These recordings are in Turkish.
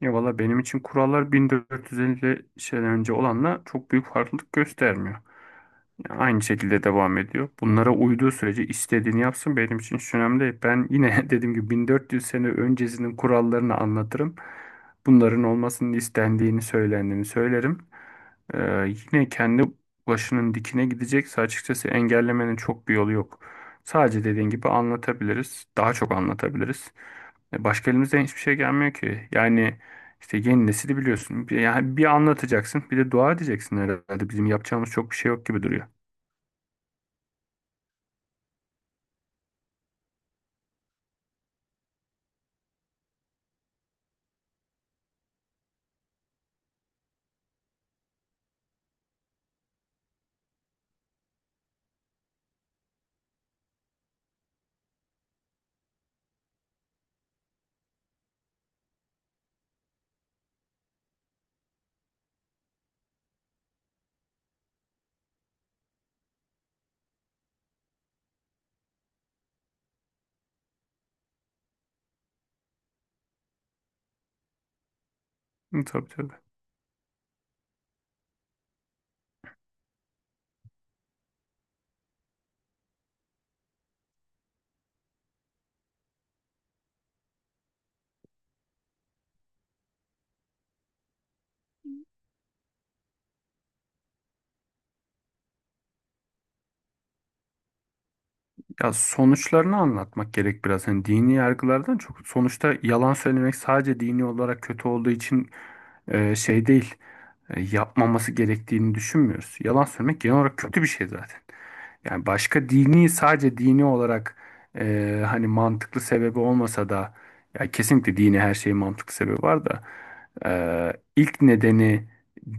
Ya valla benim için kurallar 1450 şeyden önce olanla çok büyük farklılık göstermiyor. Aynı şekilde devam ediyor. Bunlara uyduğu sürece istediğini yapsın benim için hiç önemli değil. Ben yine dediğim gibi 1400 sene öncesinin kurallarını anlatırım. Bunların olmasının istendiğini söylendiğini söylerim. Ee, Yine kendi başının dikine gidecekse açıkçası engellemenin çok bir yolu yok. Sadece dediğin gibi anlatabiliriz. Daha çok anlatabiliriz. Başka elimizden hiçbir şey gelmiyor ki. Yani işte yeni nesili biliyorsun. Yani bir anlatacaksın, bir de dua edeceksin herhalde. Bizim yapacağımız çok bir şey yok gibi duruyor. Hı, tabii tabii. Ya sonuçlarını anlatmak gerek biraz. Hani dini yargılardan çok sonuçta yalan söylemek sadece dini olarak kötü olduğu için şey değil. Yapmaması gerektiğini düşünmüyoruz. Yalan söylemek genel olarak kötü bir şey zaten. Yani başka dini sadece dini olarak hani mantıklı sebebi olmasa da ya kesinlikle dini her şeyin mantıklı sebebi var da e, ilk nedeni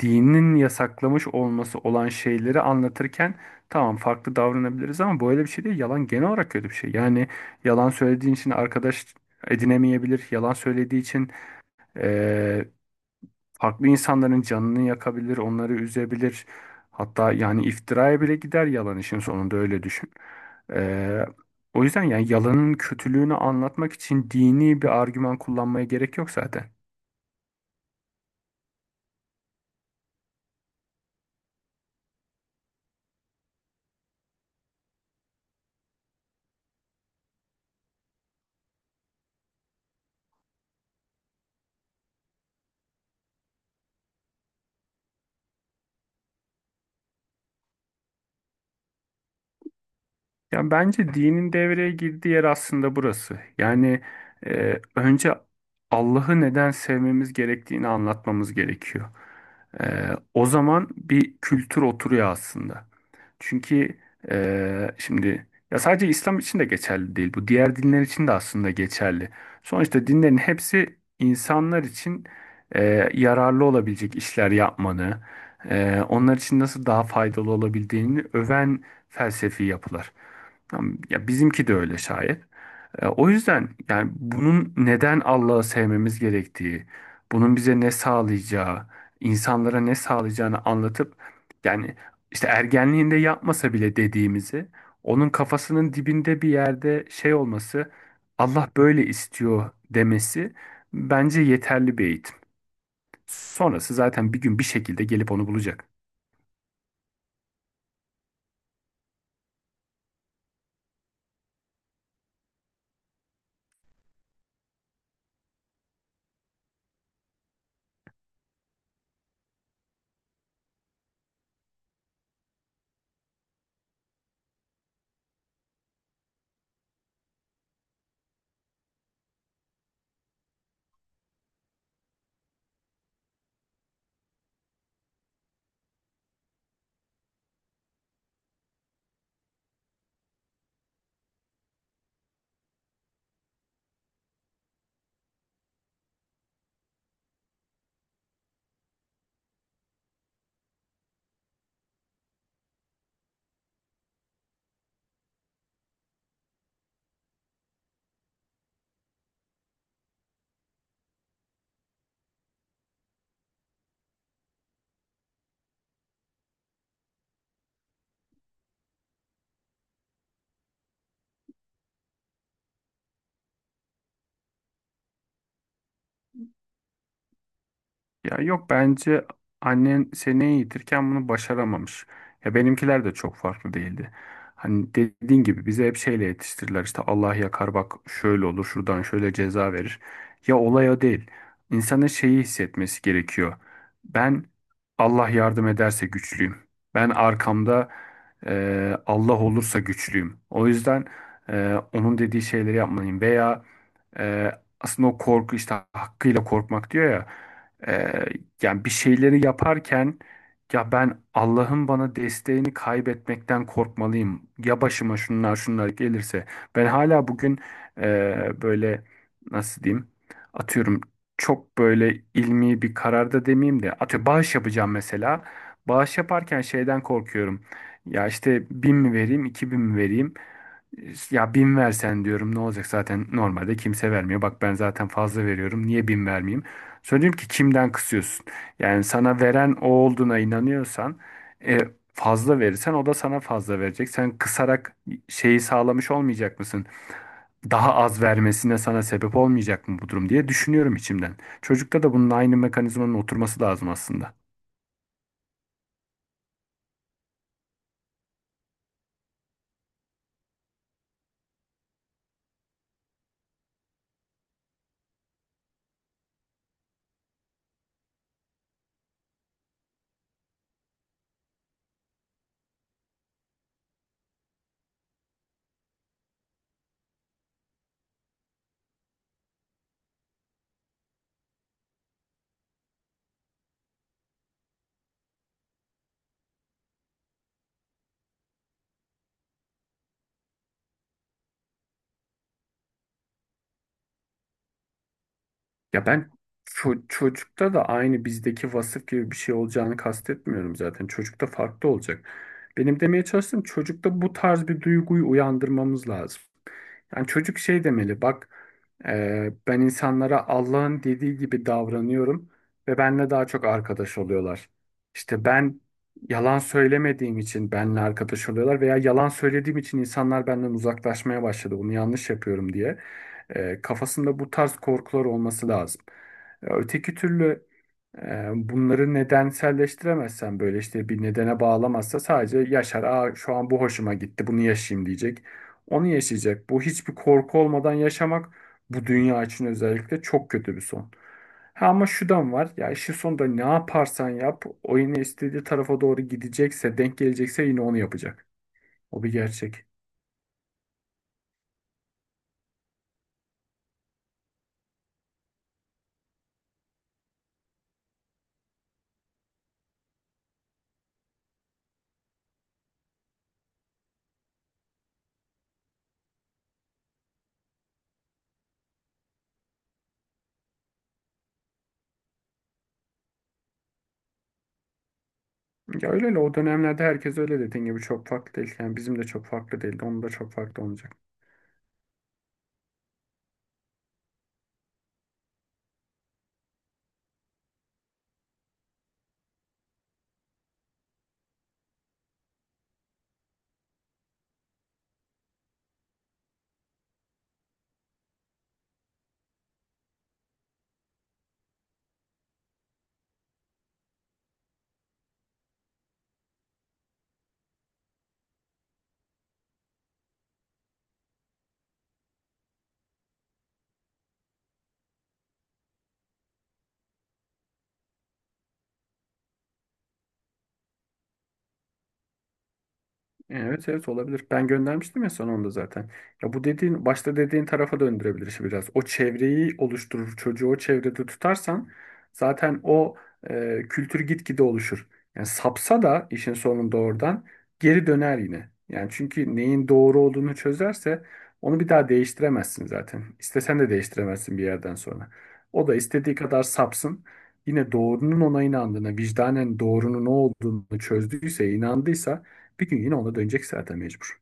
dinin yasaklamış olması olan şeyleri anlatırken tamam farklı davranabiliriz ama böyle bir şey değil. Yalan genel olarak kötü bir şey. Yani yalan söylediğin için arkadaş edinemeyebilir. Yalan söylediği için eee, farklı insanların canını yakabilir, onları üzebilir. Hatta yani iftiraya bile gider yalan işin sonunda öyle düşün. Eee, O yüzden yani yalanın kötülüğünü anlatmak için dini bir argüman kullanmaya gerek yok zaten. Ya bence dinin devreye girdiği yer aslında burası. Yani önce Allah'ı neden sevmemiz gerektiğini anlatmamız gerekiyor. E, O zaman bir kültür oturuyor aslında. Çünkü şimdi ya sadece İslam için de geçerli değil bu. Diğer dinler için de aslında geçerli. Sonuçta dinlerin hepsi insanlar için e, yararlı olabilecek işler yapmanı, onlar için nasıl daha faydalı olabildiğini öven felsefi yapılar. Tamam, ya bizimki de öyle şayet. O yüzden yani bunun neden Allah'ı sevmemiz gerektiği, bunun bize ne sağlayacağı, insanlara ne sağlayacağını anlatıp yani işte ergenliğinde yapmasa bile dediğimizi onun kafasının dibinde bir yerde şey olması, Allah böyle istiyor demesi bence yeterli bir eğitim. Sonrası zaten bir gün bir şekilde gelip onu bulacak. Ya yok bence annen seni eğitirken bunu başaramamış. Ya benimkiler de çok farklı değildi. Hani dediğin gibi bize hep şeyle yetiştirdiler işte Allah yakar bak şöyle olur şuradan şöyle ceza verir. Ya olay o değil. İnsanın şeyi hissetmesi gerekiyor. Ben Allah yardım ederse güçlüyüm. Ben arkamda Allah olursa güçlüyüm. O yüzden onun dediği şeyleri yapmalıyım. Veya e, aslında o korku işte hakkıyla korkmak diyor ya. Ee, Yani bir şeyleri yaparken ya ben Allah'ın bana desteğini kaybetmekten korkmalıyım. Ya başıma şunlar şunlar gelirse. Ben hala bugün böyle nasıl diyeyim atıyorum çok böyle ilmi bir kararda demeyeyim de atıyorum bağış yapacağım mesela. Bağış yaparken şeyden korkuyorum. Ya işte 1000 mi vereyim, 2000 mi vereyim? "İşte, ya 1000 versen diyorum ne olacak zaten normalde kimse vermiyor. Bak ben zaten fazla veriyorum. Niye 1000 vermeyeyim? Söyleyeyim ki kimden kısıyorsun? Yani sana veren o olduğuna inanıyorsan e, fazla verirsen o da sana fazla verecek. Sen kısarak şeyi sağlamış olmayacak mısın? Daha az vermesine sana sebep olmayacak mı bu durum diye düşünüyorum içimden. Çocukta da bunun aynı mekanizmanın oturması lazım aslında. Ya ben çocukta da aynı bizdeki vasıf gibi bir şey olacağını kastetmiyorum zaten. Çocukta farklı olacak. Benim demeye çalıştığım çocukta bu tarz bir duyguyu uyandırmamız lazım. Yani çocuk şey demeli bak ben insanlara Allah'ın dediği gibi davranıyorum ve benimle daha çok arkadaş oluyorlar. İşte ben yalan söylemediğim için benimle arkadaş oluyorlar veya yalan söylediğim için insanlar benden uzaklaşmaya başladı. Bunu yanlış yapıyorum diye. Kafasında bu tarz korkular olması lazım. Öteki türlü bunları nedenselleştiremezsen böyle işte bir nedene bağlamazsa sadece yaşar. Aa, şu an bu hoşuma gitti bunu yaşayayım diyecek. Onu yaşayacak. Bu hiçbir korku olmadan yaşamak bu dünya için özellikle çok kötü bir son. Ha ama şudan var. Ya işin sonunda ne yaparsan yap o yine istediği tarafa doğru gidecekse, denk gelecekse yine onu yapacak. O bir gerçek. Ya öyle öyle o dönemlerde herkes öyle dediğin gibi çok farklı değil. Yani bizim de çok farklı değildi. Onun da çok farklı olmayacak. Evet evet olabilir. Ben göndermiştim ya sana onu da zaten. Ya bu dediğin başta dediğin tarafa döndürebilir işi biraz. O çevreyi oluşturur. Çocuğu o çevrede tutarsan zaten o kültür gitgide oluşur. Yani sapsa da işin sonunda oradan geri döner yine. Yani çünkü neyin doğru olduğunu çözerse onu bir daha değiştiremezsin zaten. İstesen de değiştiremezsin bir yerden sonra. O da istediği kadar sapsın. Yine doğrunun ona inandığına, vicdanen doğrunun ne olduğunu çözdüyse, inandıysa bir gün yine ona dönecek zaten mecbur.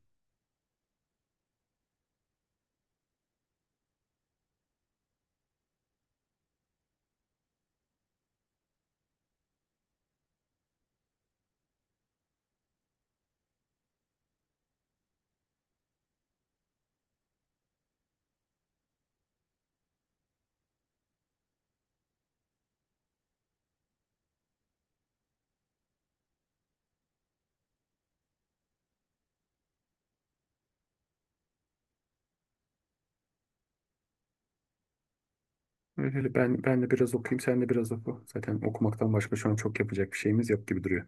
Öyle ben de biraz okuyayım, sen de biraz oku. Zaten okumaktan başka şu an çok yapacak bir şeyimiz yok gibi duruyor.